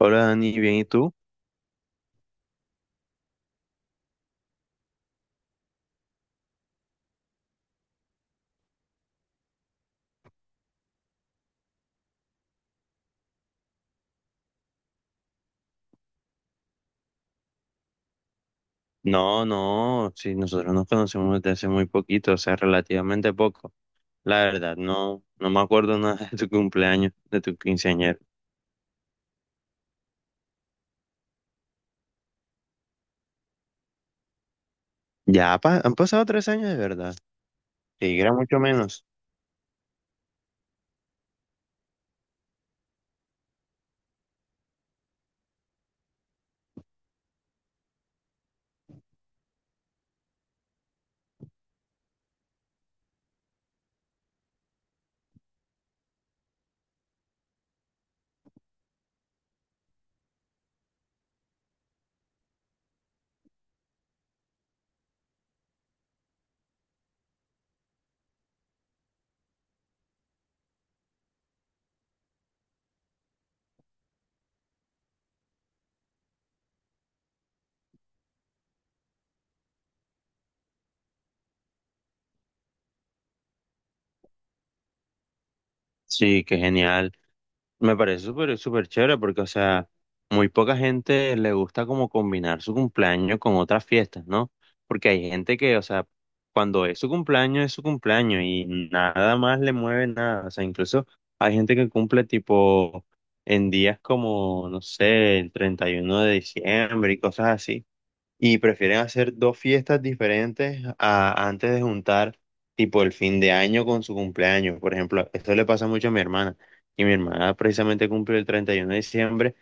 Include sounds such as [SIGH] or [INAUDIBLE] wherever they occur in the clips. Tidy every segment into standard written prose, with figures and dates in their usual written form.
Hola Dani, ¿bien y tú? No, no, sí, nosotros nos conocemos desde hace muy poquito, o sea, relativamente poco. La verdad, no, no me acuerdo [LAUGHS] nada de tu cumpleaños, de tu quinceañero. Ya han pasado 3 años de verdad. Sí, era mucho menos. Sí, qué genial. Me parece súper, súper chévere porque, o sea, muy poca gente le gusta como combinar su cumpleaños con otras fiestas, ¿no? Porque hay gente que, o sea, cuando es su cumpleaños y nada más le mueve nada. O sea, incluso hay gente que cumple tipo en días como, no sé, el 31 de diciembre y cosas así y prefieren hacer dos fiestas diferentes antes de juntar tipo el fin de año con su cumpleaños. Por ejemplo, esto le pasa mucho a mi hermana. Y mi hermana precisamente cumple el 31 de diciembre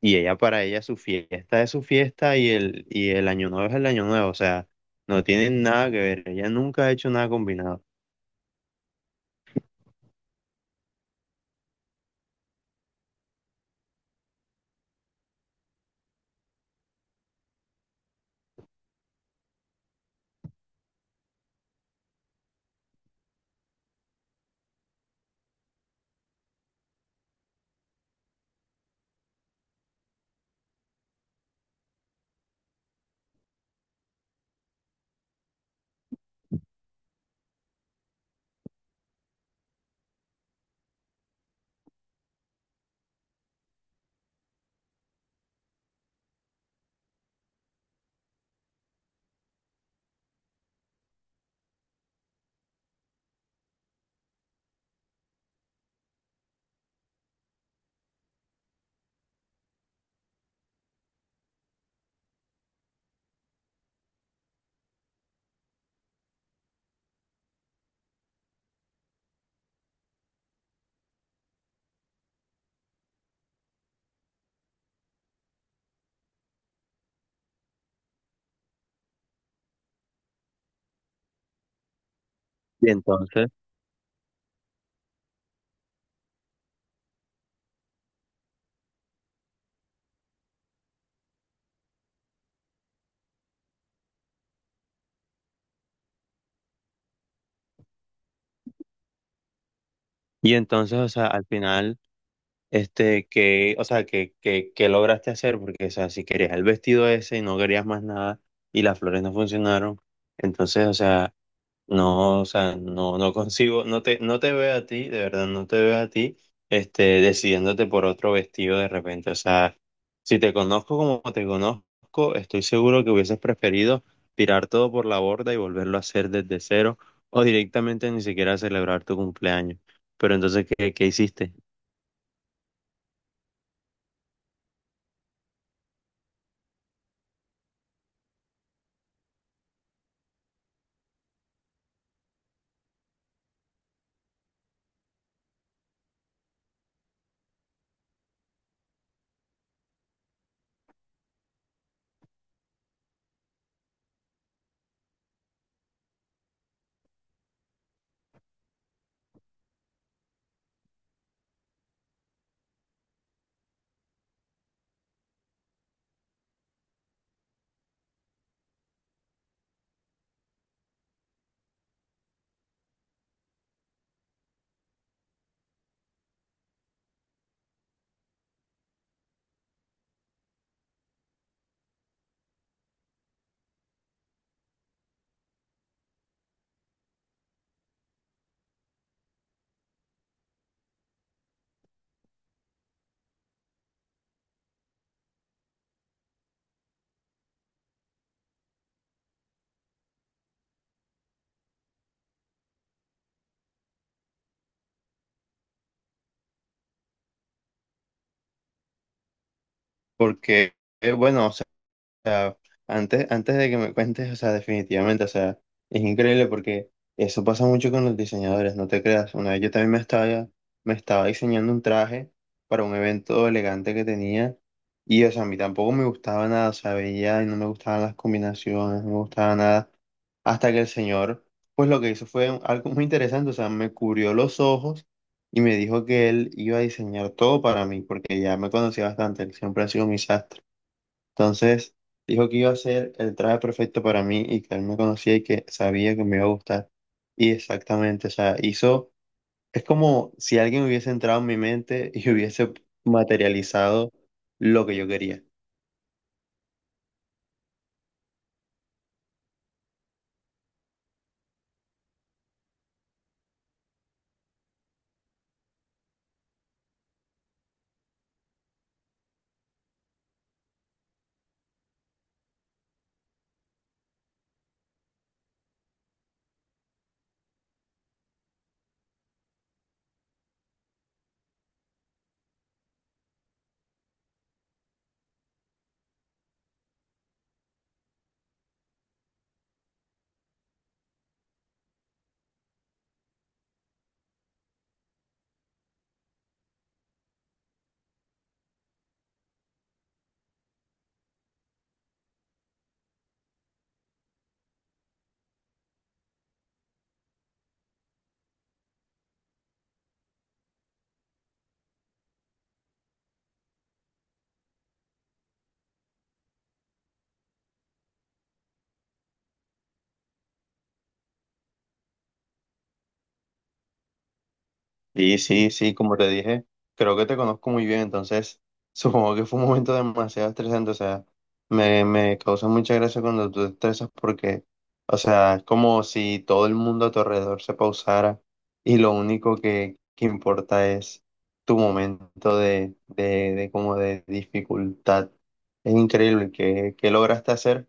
y ella para ella su fiesta es su fiesta y el año nuevo es el año nuevo. O sea, no tienen nada que ver. Ella nunca ha hecho nada combinado. Y entonces, y entonces, o sea, al final. O sea, que lograste hacer, porque, o sea, si querías el vestido ese y no querías más nada y las flores no funcionaron, entonces, o sea, no, no consigo, no te veo a ti, de verdad, no te veo a ti, decidiéndote por otro vestido de repente, o sea, si te conozco como te conozco, estoy seguro que hubieses preferido tirar todo por la borda y volverlo a hacer desde cero o directamente ni siquiera celebrar tu cumpleaños. Pero entonces, ¿qué hiciste? Porque, bueno, o sea, antes de que me cuentes, o sea, definitivamente, o sea, es increíble porque eso pasa mucho con los diseñadores, no te creas. Una vez yo también me estaba diseñando un traje para un evento elegante que tenía y, o sea, a mí tampoco me gustaba nada, o sea, veía y no me gustaban las combinaciones, no me gustaba nada, hasta que el señor, pues lo que hizo fue algo muy interesante, o sea, me cubrió los ojos y me dijo que él iba a diseñar todo para mí, porque ya me conocía bastante, él siempre ha sido mi sastre. Entonces dijo que iba a ser el traje perfecto para mí y que él me conocía y que sabía que me iba a gustar. Y exactamente, o sea, hizo, es como si alguien hubiese entrado en mi mente y [LAUGHS] hubiese materializado lo que yo quería. Sí, sí, sí, como te dije, creo que te conozco muy bien, entonces [LAUGHS] supongo que fue un momento demasiado estresante, o sea, me causa mucha gracia cuando tú te estresas porque, o sea, es como si todo el mundo a tu alrededor se pausara y lo único que importa es tu momento de como de dificultad. Es increíble que lograste hacer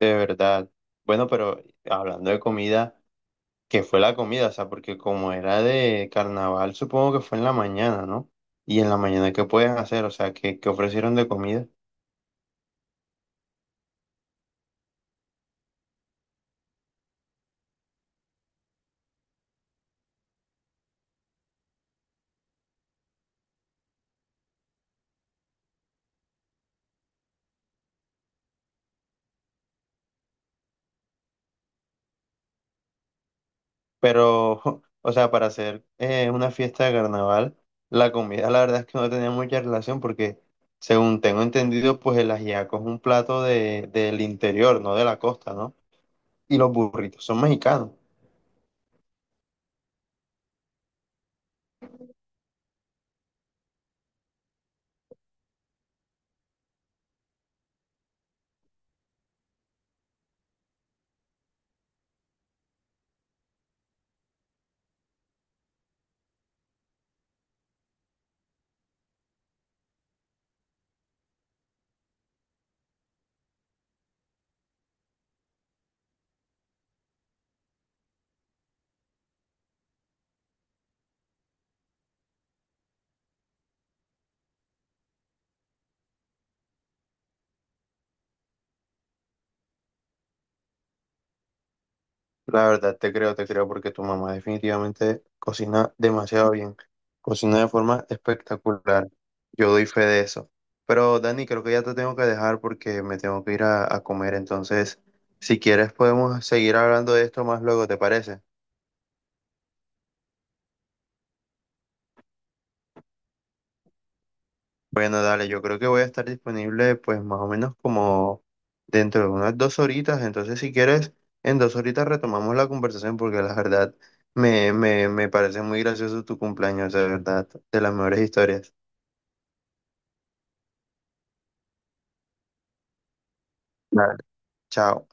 de verdad. Bueno, pero hablando de comida. Que fue la comida? O sea, porque como era de carnaval, supongo que fue en la mañana, ¿no? Y en la mañana, ¿qué puedes hacer? O sea, ¿qué ofrecieron de comida? Pero, [LAUGHS] o sea, para hacer una fiesta de carnaval, la comida la verdad es que no tenía mucha relación porque, según tengo entendido, pues el ajiaco es un plato de, del interior, no de la costa, ¿no? Y los burritos son mexicanos. La verdad, te creo, porque tu mamá definitivamente cocina demasiado bien. Cocina de forma espectacular. Yo doy fe de eso. Pero Dani, creo que ya te tengo que dejar porque me tengo que ir a comer. Entonces, si quieres, podemos seguir hablando de esto más luego, ¿te parece? Bueno, dale, yo creo que voy a estar disponible pues más o menos como dentro de unas 2 horitas, entonces si quieres, en 2 horitas retomamos la conversación porque la verdad me parece muy gracioso tu cumpleaños, de verdad, de las mejores historias. Dale. Chao.